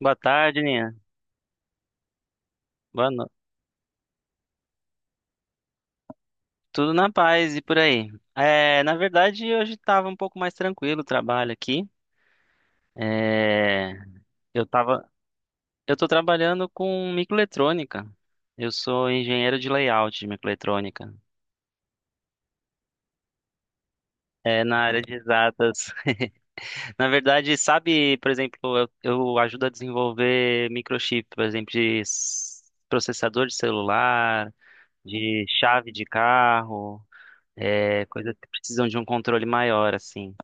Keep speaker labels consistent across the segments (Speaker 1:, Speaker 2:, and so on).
Speaker 1: Boa tarde, Nina. Boa noite. Tudo na paz e por aí. É, na verdade, hoje estava um pouco mais tranquilo o trabalho aqui. É, eu tava, eu tô trabalhando com microeletrônica. Eu sou engenheiro de layout de microeletrônica. É, na área de exatas. Na verdade, sabe, por exemplo, eu ajudo a desenvolver microchip, por exemplo, de processador de celular, de chave de carro, é, coisas que precisam de um controle maior, assim.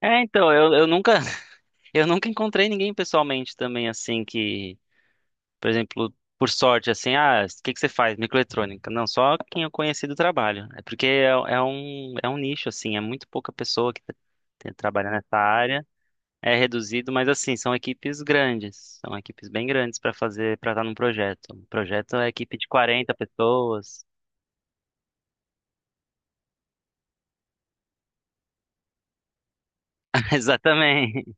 Speaker 1: É, então, eu nunca, eu nunca encontrei ninguém pessoalmente também, assim, que, por exemplo, por sorte, assim, ah, o que que você faz? Microeletrônica. Não, só quem eu conheci do trabalho. É porque é um nicho, assim, é muito pouca pessoa que tem trabalha nessa área. É reduzido, mas assim, são equipes grandes, são equipes bem grandes para fazer, para estar num projeto. Um projeto é equipe de 40 pessoas. Exatamente.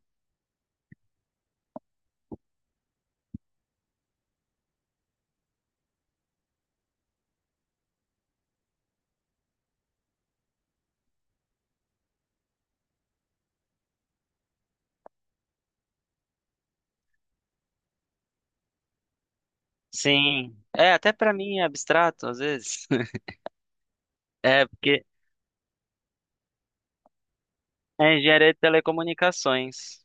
Speaker 1: Sim. É, até para mim é abstrato às vezes. É, porque É engenharia de telecomunicações.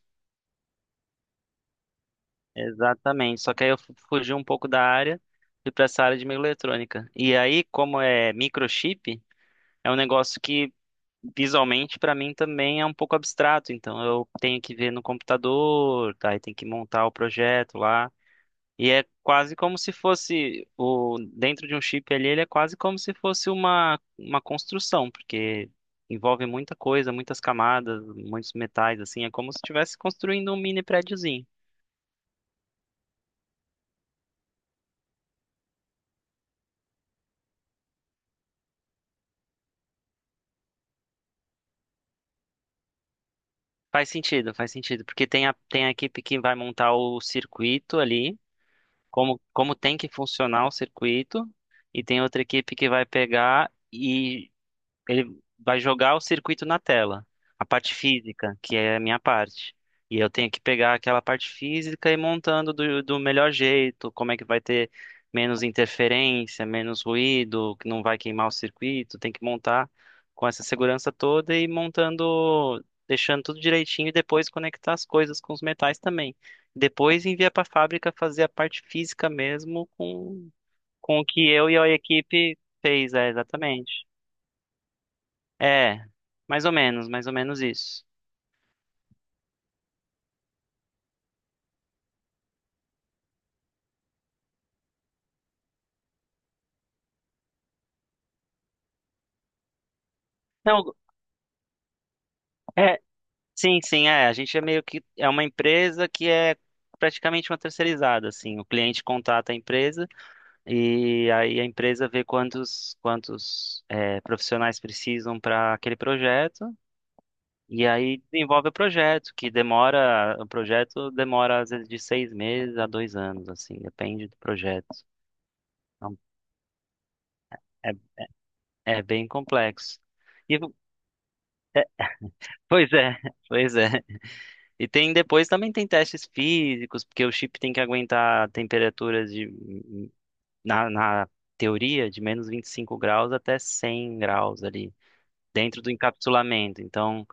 Speaker 1: Exatamente. Só que aí eu fugi um pouco da área, fui para essa área de microeletrônica. E aí, como é microchip, é um negócio que visualmente para mim também é um pouco abstrato. Então eu tenho que ver no computador, tá? E tem que montar o projeto lá. E é quase como se fosse o dentro de um chip ali, ele é quase como se fosse uma construção, porque envolve muita coisa, muitas camadas, muitos metais assim, é como se estivesse construindo um mini prédiozinho. Faz sentido, porque tem a equipe que vai montar o circuito ali, como tem que funcionar o circuito, e tem outra equipe que vai pegar e ele vai jogar o circuito na tela, a parte física, que é a minha parte. E eu tenho que pegar aquela parte física e ir montando do melhor jeito, como é que vai ter menos interferência, menos ruído, que não vai queimar o circuito, tem que montar com essa segurança toda e ir montando, deixando tudo direitinho e depois conectar as coisas com os metais também. Depois envia para a fábrica fazer a parte física mesmo com o que eu e a equipe fez, é, exatamente. É, mais ou menos isso. Não, é, sim, sim, é. A gente é meio que é uma empresa que é praticamente uma terceirizada, assim. O cliente contrata a empresa e aí a empresa vê quantos é, profissionais precisam para aquele projeto e aí desenvolve o projeto, que demora, o projeto demora às vezes de 6 meses a 2 anos, assim, depende do projeto. Então, é, é bem complexo. E, pois é, pois é. E tem depois também tem testes físicos, porque o chip tem que aguentar temperaturas na teoria de -25 graus até 100 graus ali dentro do encapsulamento. Então,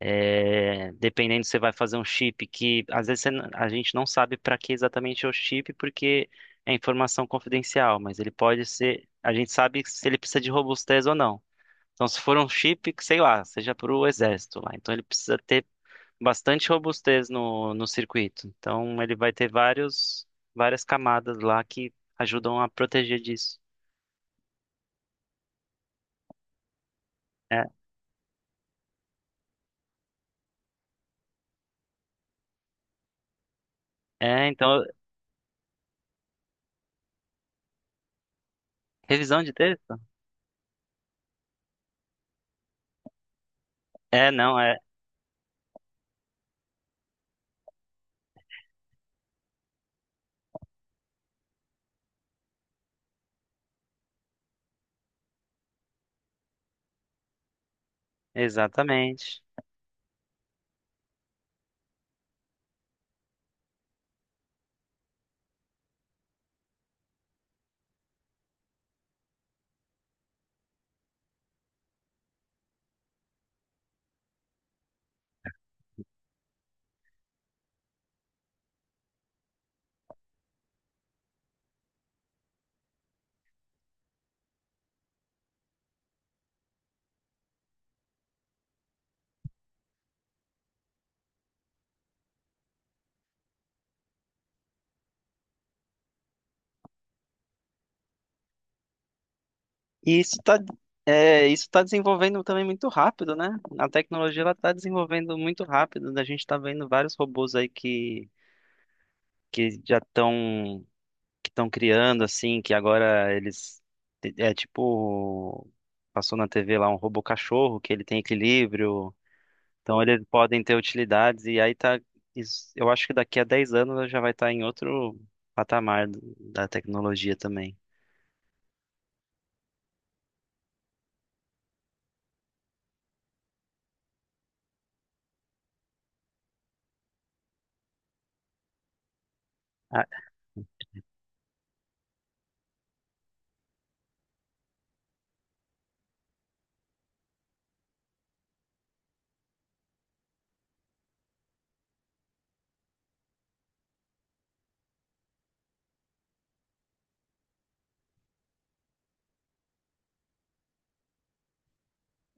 Speaker 1: é, dependendo se você vai fazer um chip que às vezes a gente não sabe para que exatamente é o chip porque é informação confidencial, mas ele pode ser, a gente sabe se ele precisa de robustez ou não. Então, se for um chip que, sei lá, seja para o exército lá, então ele precisa ter bastante robustez no circuito. Então ele vai ter várias camadas lá que ajudam a proteger disso. É, então, revisão de texto? É, não, é, exatamente. E isso tá desenvolvendo também muito rápido, né? A tecnologia ela está desenvolvendo muito rápido. A gente está vendo vários robôs aí que já estão que estão criando, assim, que agora eles. É tipo. Passou na TV lá um robô cachorro, que ele tem equilíbrio. Então eles podem ter utilidades. E aí tá. Eu acho que daqui a 10 anos já vai estar em outro patamar da tecnologia também. Ah,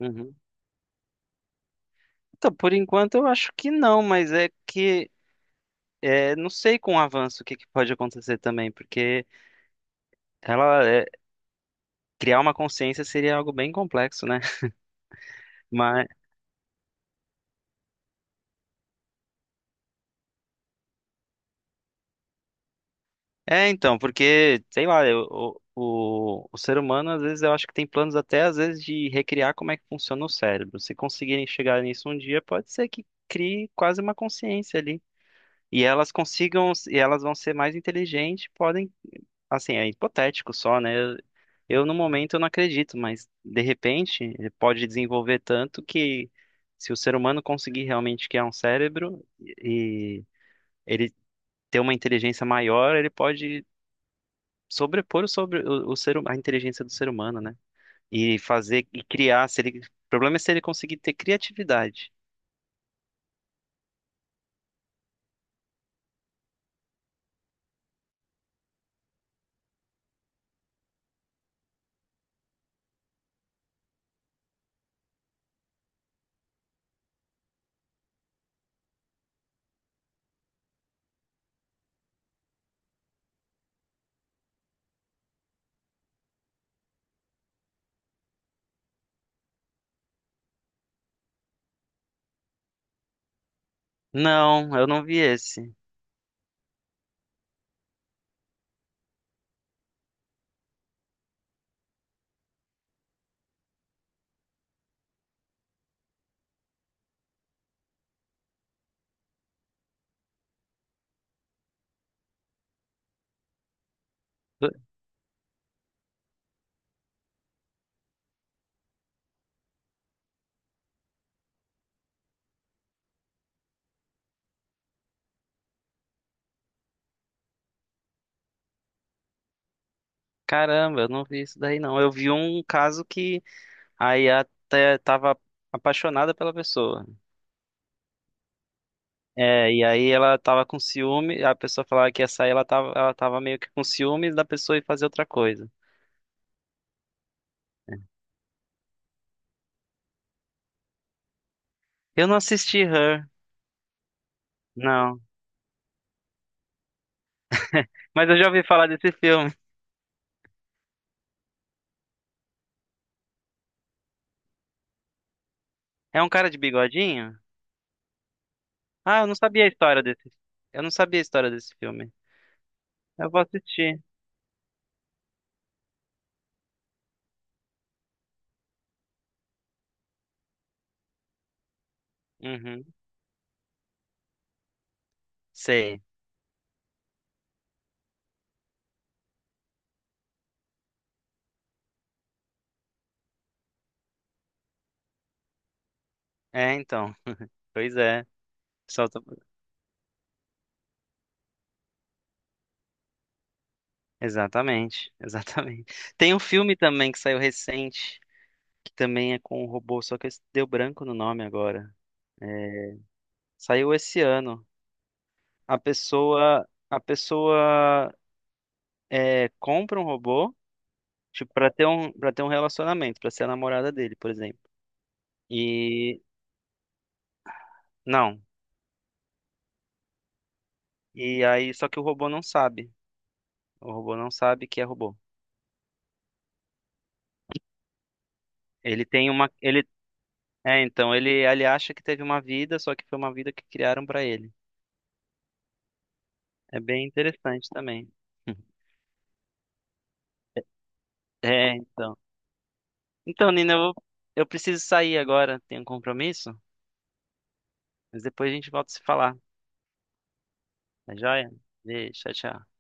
Speaker 1: uhum. Então, por enquanto eu acho que não, mas não sei com o avanço o que pode acontecer também, porque ela é, criar uma consciência seria algo bem complexo, né? Mas é então, porque sei lá, o ser humano às vezes eu acho que tem planos até às vezes de recriar como é que funciona o cérebro. Se conseguirem chegar nisso um dia, pode ser que crie quase uma consciência ali. E elas consigam, e elas vão ser mais inteligentes, podem, assim, é hipotético só, né? No momento eu não acredito, mas de repente ele pode desenvolver tanto que se o ser humano conseguir realmente criar um cérebro e ele ter uma inteligência maior, ele pode sobrepor o sobre o ser, hu- a inteligência do ser humano, né? E fazer e criar, se ele, o problema é se ele conseguir ter criatividade. Não, eu não vi esse. Caramba, eu não vi isso daí não. Eu vi um caso que a IA até tava apaixonada pela pessoa. É, e aí ela tava com ciúme, a pessoa falava que ia sair, ela tava meio que com ciúmes da pessoa e fazer outra coisa. Eu não assisti Her, não. Mas eu já ouvi falar desse filme. É um cara de bigodinho? Ah, eu não sabia a história desse. Eu não sabia a história desse filme. Eu vou assistir. Uhum. Sei. É, então. Pois é. O pessoal Exatamente, exatamente. Tem um filme também que saiu recente, que também é com um robô, só que deu branco no nome agora. É, saiu esse ano. A pessoa compra um robô, tipo, para ter um, relacionamento, para ser a namorada dele, por exemplo. E não. E aí, só que o robô não sabe. O robô não sabe que é robô. Ele tem uma, ele, é, então ele acha que teve uma vida, só que foi uma vida que criaram para ele. É bem interessante também. É, então. Então, Nina, eu preciso sair agora, tenho um compromisso, mas depois a gente volta a se falar. Tá joia? Beijo, tchau, tchau.